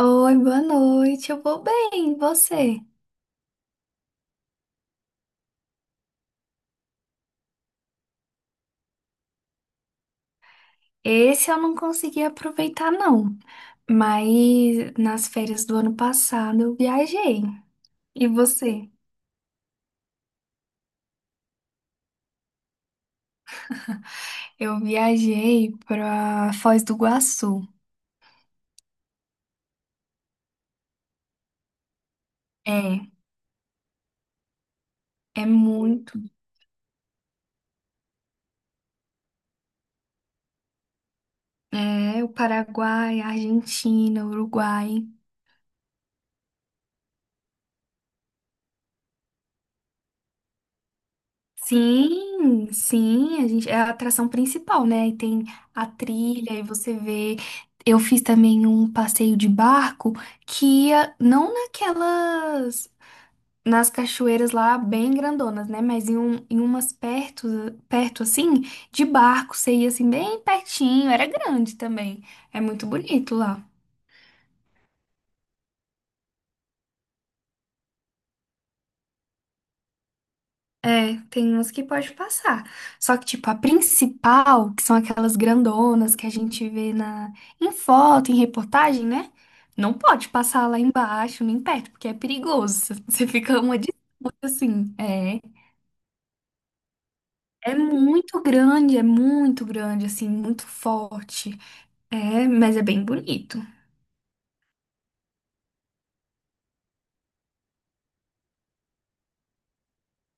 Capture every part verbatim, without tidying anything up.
Oi, boa noite. Eu vou bem, e você? Esse eu não consegui aproveitar, não. Mas nas férias do ano passado eu viajei. E você? Eu viajei para Foz do Iguaçu. É, é muito. É, o Paraguai, a Argentina, o Uruguai. Sim, sim, a gente, é a atração principal, né? E tem a trilha, e você vê. Eu fiz também um passeio de barco que ia não naquelas, nas cachoeiras lá bem grandonas, né? Mas em, um, em umas perto, perto assim, de barco, você ia assim bem pertinho, era grande também. É muito bonito lá. É, tem uns que pode passar. Só que, tipo, a principal, que são aquelas grandonas que a gente vê na... em foto, em reportagem, né? Não pode passar lá embaixo, nem perto, porque é perigoso. Você fica uma disputa, assim. É, é muito grande, é muito grande, assim, muito forte. É, mas é bem bonito.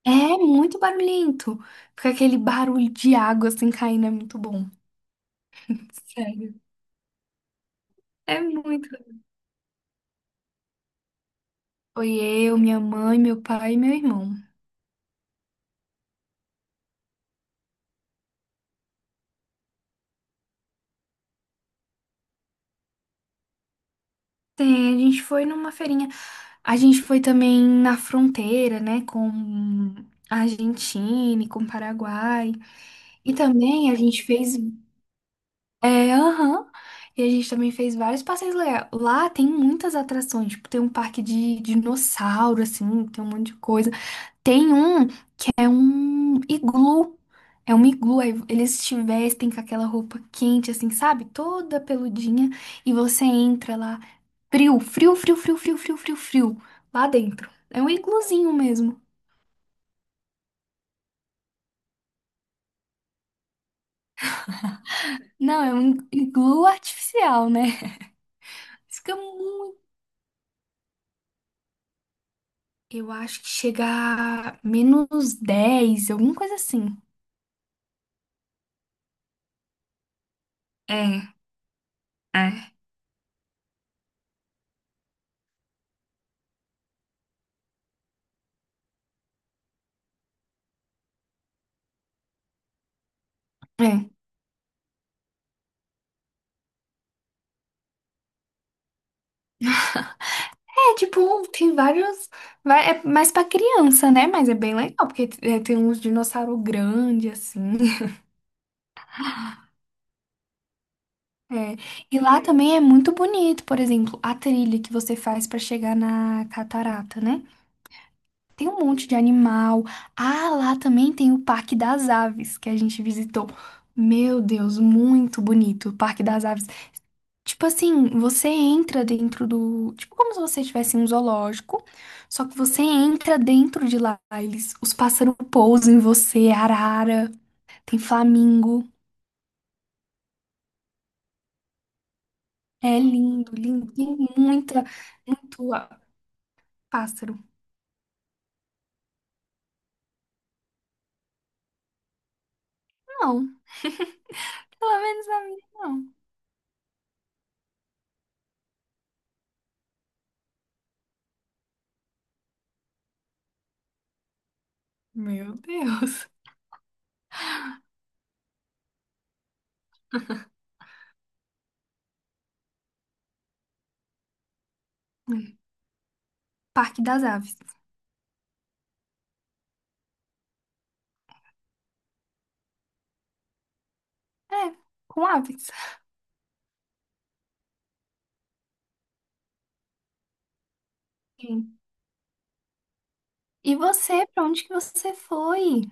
É muito barulhento. Porque aquele barulho de água, assim, caindo é muito bom. Sério. É muito. Foi eu, minha mãe, meu pai e meu irmão. Tem, a gente foi numa feirinha. A gente foi também na fronteira, né, com a Argentina e com o Paraguai. E também a gente fez. É, aham. E a gente também fez vários passeios legais. Lá tem muitas atrações, tipo, tem um parque de dinossauro, assim, tem um monte de coisa. Tem um. É um iglu. É um iglu. Aí eles te vestem com aquela roupa quente, assim, sabe? Toda peludinha. E você entra lá, frio, frio, frio, frio, frio, frio, frio, frio. Lá dentro. É um igluzinho mesmo. Não, é um iglu artificial, né? Fica muito. Eu acho que chega a menos dez, alguma coisa assim. É, é. É. É, tipo, tem vários. vai- É mais pra criança, né? Mas é bem legal, porque é, tem uns dinossauros grandes, assim. É. E lá também é muito bonito, por exemplo, a trilha que você faz pra chegar na catarata, né? Tem um monte de animal. Ah, lá também tem o Parque das Aves, que a gente visitou. Meu Deus, muito bonito. O Parque das Aves. Tipo assim, você entra dentro do. Tipo, como se você estivesse em um zoológico, só que você entra dentro de lá. Eles, os pássaros pousam em você, é arara, tem flamingo. É lindo, lindo. Tem muita, muito ah, pássaro. Não, pelo menos na minha, não. Meu Deus. Parque das Aves. É, com aves. Sim. E você, pra onde que você foi?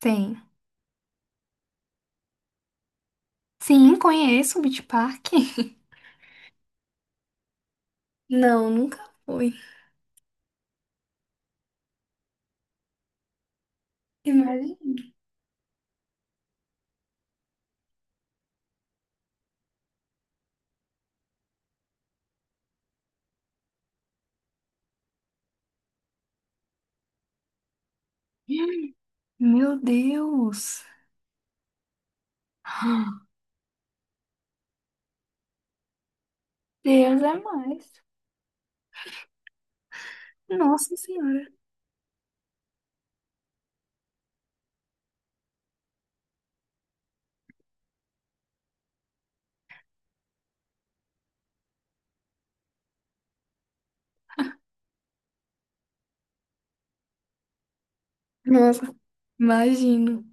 Tem. Sim, conheço o Beach Park. Não, nunca fui. Imagina. Meu Deus. Deus é mais. Nossa Senhora. Nossa. Imagino.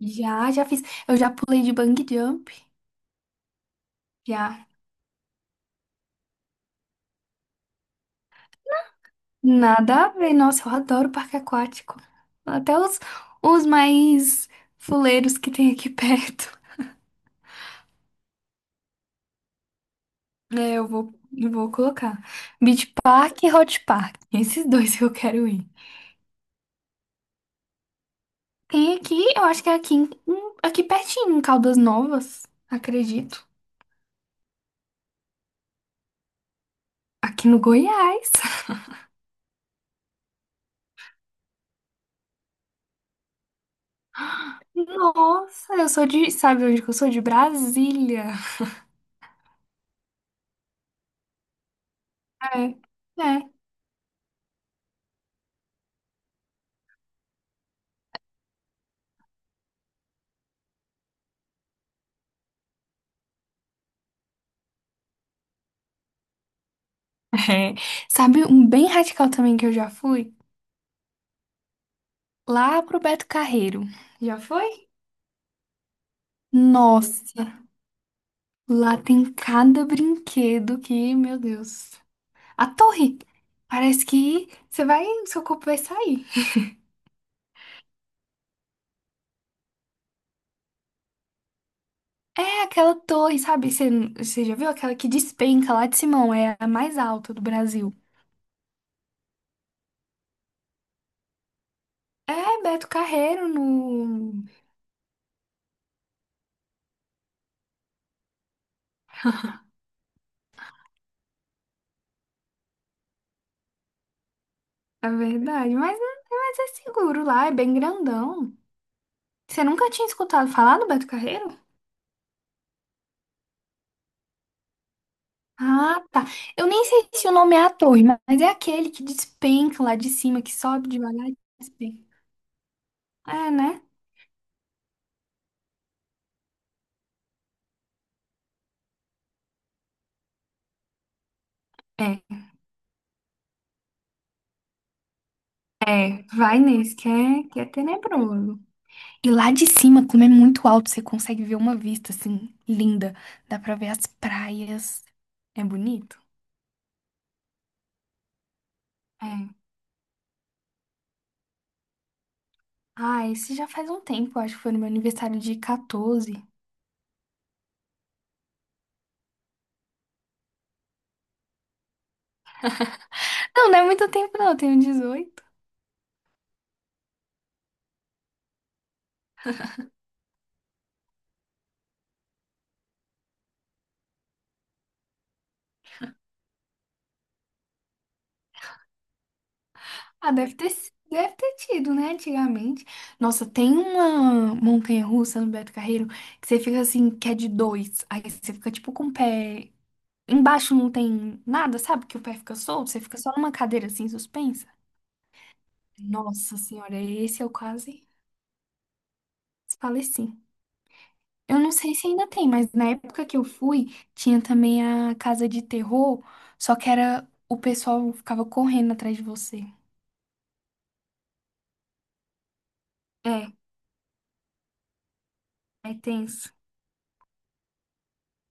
Já, já fiz. Eu já pulei de bungee jump. Já. Nada a ver. Nossa, eu adoro parque aquático. Até os, os mais fuleiros que tem aqui perto. É, eu vou, eu vou colocar. Beach Park e Hot Park. Esses dois que eu quero ir. Tem aqui, eu acho que é aqui, em- em- aqui pertinho, em Caldas Novas, acredito. Aqui no Goiás. Nossa, eu sou de. Sabe onde que eu sou? De Brasília. É. É. É. Sabe um bem radical também que eu já fui? Lá pro Beto Carreiro. Já foi? Nossa, lá tem cada brinquedo que, meu Deus. A torre. Parece que você vai, seu corpo vai sair. É aquela torre, sabe? Você, você já viu aquela que despenca lá de Simão? É a mais alta do Brasil. É Beto Carreiro no. É verdade, mas, é- mas é seguro lá, é bem grandão. Você nunca tinha escutado falar do Beto Carreiro? Ah, tá. Eu nem sei se o nome é a torre, ma- mas é aquele que despenca lá de cima, que sobe devagar e despenca. É, né? É, é. Vai nesse, que é, que é tenebroso. E lá de cima, como é muito alto, você consegue ver uma vista, assim, linda. Dá pra ver as praias. É bonito? É. Ah, esse já faz um tempo, acho que foi no meu aniversário de quatorze. Não, não é muito tempo, não. Eu tenho dezoito. Ah, deve ter, si- deve ter tido, né? Antigamente. Nossa, tem uma montanha-russa no Beto Carreiro que você fica assim, que é de dois. Aí você fica tipo com o pé. Embaixo não tem nada, sabe? Que o pé fica solto, você fica só numa cadeira assim, suspensa. Nossa senhora, esse eu quase faleci. Eu não sei se ainda tem, mas na época que eu fui, tinha também a casa de terror, só que era o pessoal ficava correndo atrás de você. É, é tenso.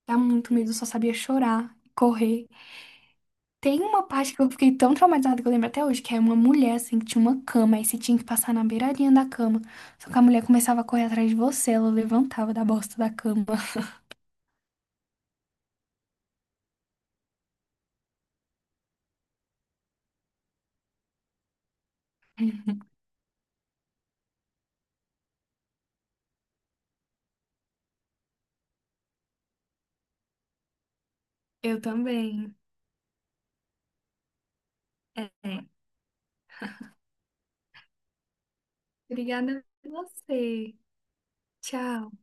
Dá muito medo, eu só sabia chorar, correr. Tem uma parte que eu fiquei tão traumatizada que eu lembro até hoje, que é uma mulher, assim, que tinha uma cama, aí você tinha que passar na beiradinha da cama. Só que a mulher começava a correr atrás de você, ela levantava da bosta da cama. Eu também. É. Obrigada a você. Tchau.